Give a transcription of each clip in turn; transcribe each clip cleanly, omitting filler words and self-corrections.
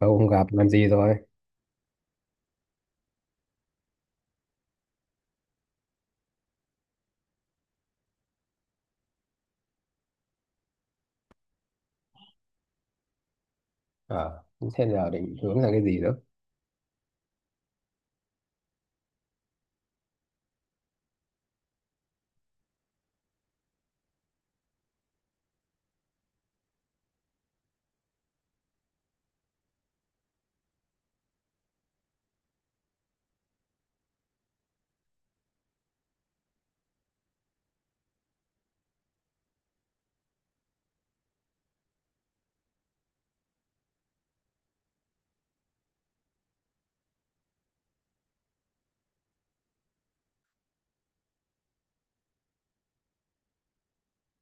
Lâu không gặp làm gì rồi? Ờ, Thế giờ định hướng là cái gì nữa?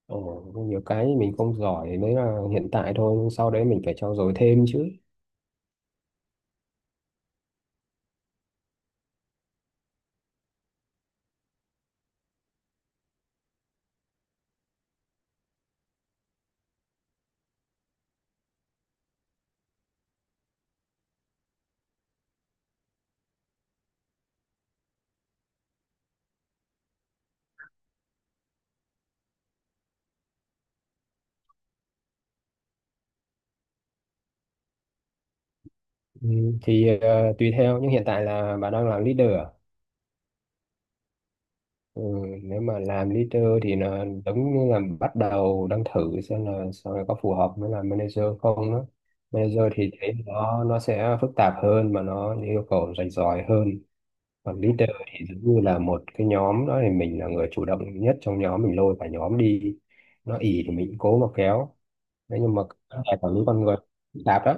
Ồ, có nhiều cái mình không giỏi đấy là hiện tại thôi, nhưng sau đấy mình phải trau dồi thêm chứ. Ừ, Tùy theo, nhưng hiện tại là bà đang làm leader à? Ừ, nếu mà làm leader thì là giống như là bắt đầu đang thử xem là sau này có phù hợp với làm manager không đó. Manager thì thấy nó sẽ phức tạp hơn mà nó yêu cầu rành giỏi hơn, còn leader thì giống như là một cái nhóm đó thì mình là người chủ động nhất trong nhóm, mình lôi cả nhóm đi, nó ì thì mình cũng cố mà kéo đấy. Nhưng mà nhà quản lý con người phức tạp lắm.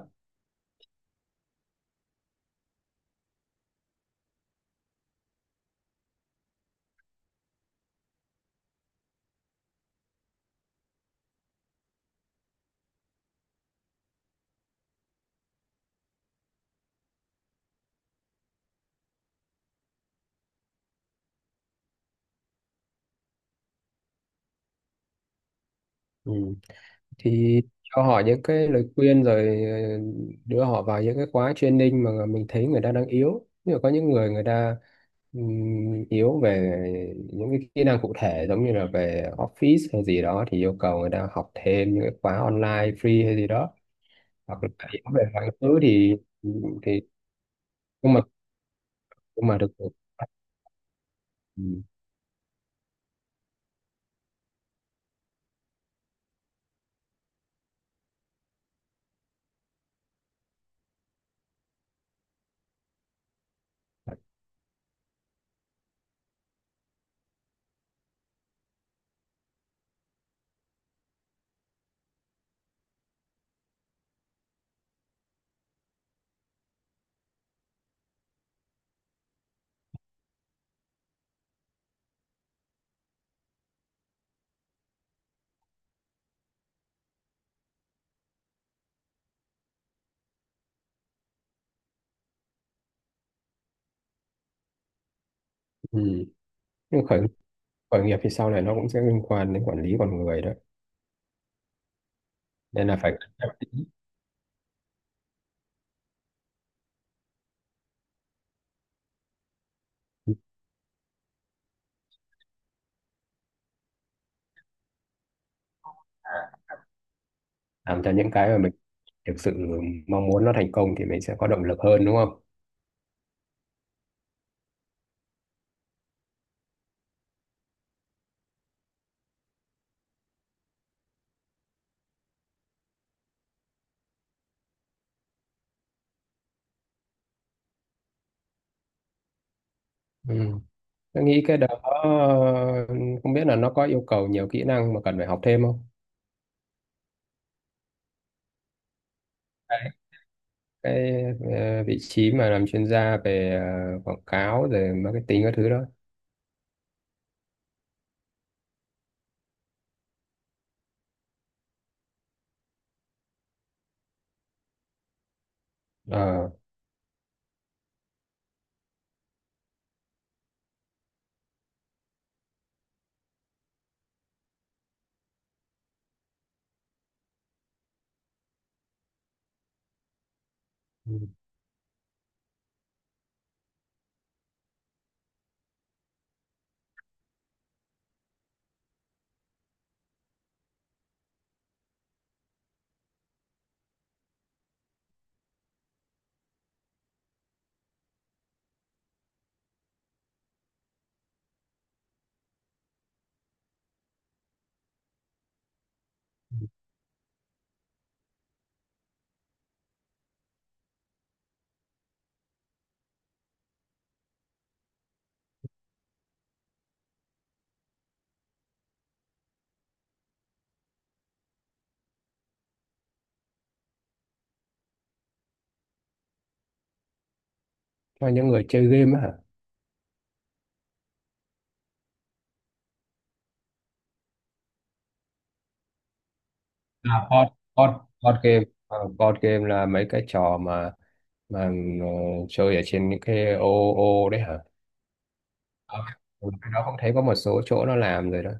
Ừ, thì cho họ những cái lời khuyên rồi, đưa họ vào những cái khóa training mà mình thấy người ta đang yếu, nhưng mà có những người người ta yếu về những cái kỹ năng cụ thể, giống như là về office hay gì đó thì yêu cầu người ta học thêm những cái khóa online free hay gì đó, hoặc là hiểu về quá khứ thì nhưng mà nhưng mà được được. Ừ. Ừ. Nhưng khởi khởi nghiệp thì sau này nó cũng sẽ liên quan đến quản lý con người đó, nên là phải cẩn trọng tí. À, làm cho những cái mà mình thực sự mong muốn nó thành công thì mình sẽ có động lực hơn đúng không? Ừ. Tôi nghĩ cái đó không biết là nó có yêu cầu nhiều kỹ năng mà cần phải học thêm không. cái, cái Vị trí mà làm chuyên gia về quảng cáo rồi marketing các thứ đó. Ờ. Ừ. Cho những người chơi game á hả? À, board, board, Board game. Ờ, Board game là mấy cái trò mà mà ờ, chơi ở trên những cái ô ô đấy hả? Ờ, cái đó cũng thấy có một số chỗ nó làm rồi đó.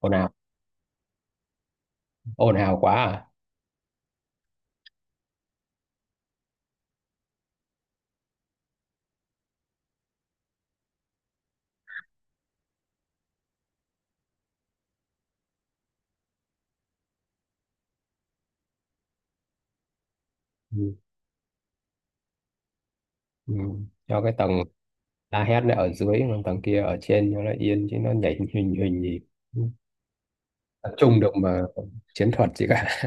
Ồn ào, ồn ào quá à? Ừ. Ừ. Cho cái tầng la hét này ở dưới, còn tầng kia ở trên cho nó yên chứ nó nhảy hình hình gì. Ừ. Tập trung được mà chiến thuật gì cả.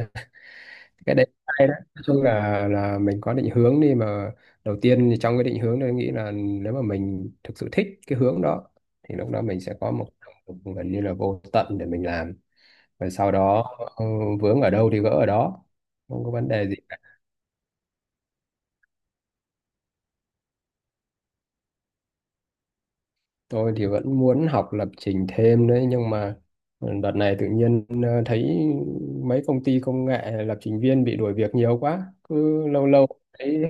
Cái đấy hay đấy. Nói chung là mình có định hướng đi mà. Đầu tiên thì trong cái định hướng, tôi nghĩ là nếu mà mình thực sự thích cái hướng đó thì lúc đó mình sẽ có một động lực gần như là vô tận để mình làm, và sau đó, ừ, vướng ở đâu thì gỡ ở đó, không có vấn đề gì. Tôi thì vẫn muốn học lập trình thêm đấy, nhưng mà, ừ, đợt này tự nhiên thấy mấy công ty công nghệ lập trình viên bị đuổi việc nhiều quá. Cứ lâu lâu thấy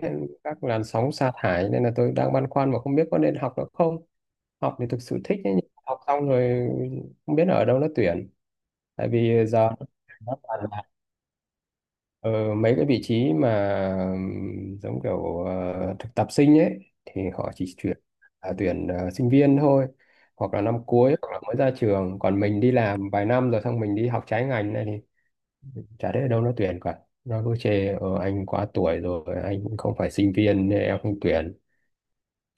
các làn sóng sa thải, nên là tôi đang băn khoăn mà không biết có nên học nữa không. Học thì thực sự thích ấy, nhưng học xong rồi không biết ở đâu nó tuyển. Tại vì giờ nó toàn, ờ, mấy cái vị trí mà giống kiểu thực tập sinh ấy thì họ chỉ tuyển, tuyển sinh viên thôi, hoặc là năm cuối hoặc là mới ra trường, còn mình đi làm vài năm rồi xong mình đi học trái ngành này thì chả thấy ở đâu nó tuyển cả, nó cứ chê, ờ, anh quá tuổi rồi, anh cũng không phải sinh viên nên em không tuyển.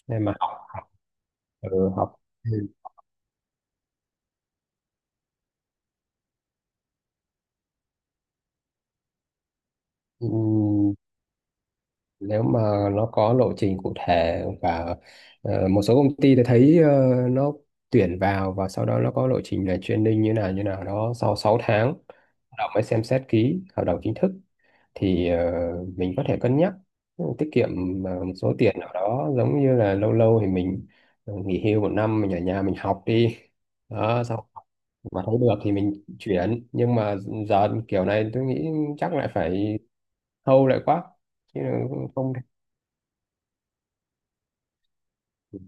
Nên mà học. Ừ, nếu mà nó có lộ trình cụ thể và, một số công ty thì thấy, nó tuyển vào và sau đó nó có lộ trình là training như nào đó, sau 6 tháng hợp đồng mới xem xét ký hợp đồng chính thức, thì mình có thể cân nhắc. Ừ, tiết kiệm một số tiền nào đó, giống như là lâu lâu thì mình, nghỉ hưu một năm mình ở nhà mình học đi, đó, sau mà thấy được thì mình chuyển. Nhưng mà giờ kiểu này tôi nghĩ chắc lại phải thâu lại quá, chứ không thể.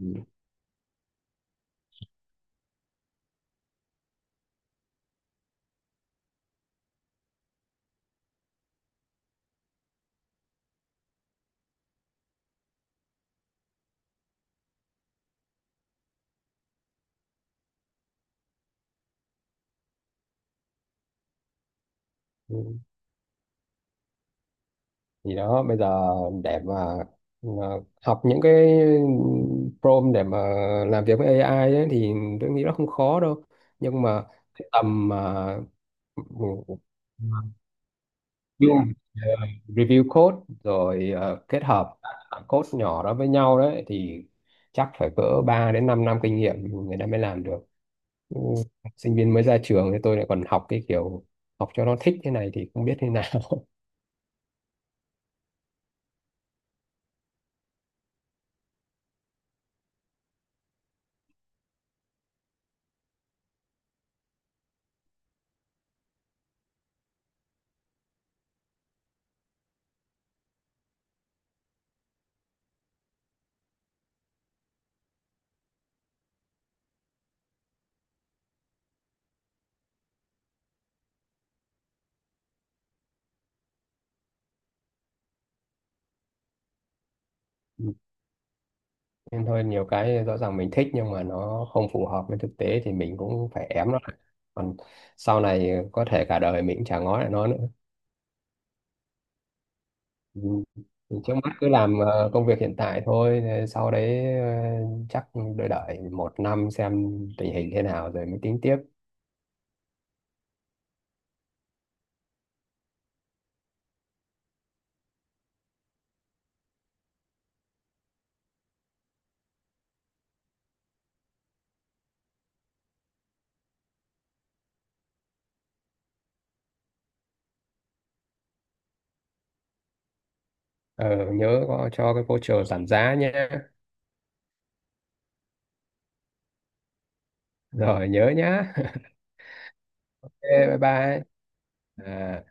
Ừ. Thì đó bây giờ để mà mà học những cái prompt để mà làm việc với AI ấy, thì tôi nghĩ nó không khó đâu. Nhưng mà cái tầm mà review, review code rồi, kết hợp các code nhỏ đó với nhau đấy, thì chắc phải cỡ 3 đến 5 năm kinh nghiệm người ta mới làm được. Ừ, sinh viên mới ra trường thì tôi lại còn học cái kiểu học cho nó thích thế này thì không biết thế nào. Nên thôi, nhiều cái rõ ràng mình thích nhưng mà nó không phù hợp với thực tế thì mình cũng phải ém nó lại, còn sau này có thể cả đời mình cũng chả ngó lại nó nữa. Ừ. Thì trước mắt cứ làm, công việc hiện tại thôi, rồi sau đấy, chắc đợi đợi một năm xem tình hình thế nào rồi mới tính tiếp. Ờ, nhớ có cho cái voucher giảm giá nhé. Rồi nhớ nhá. Thế, bye bye. À.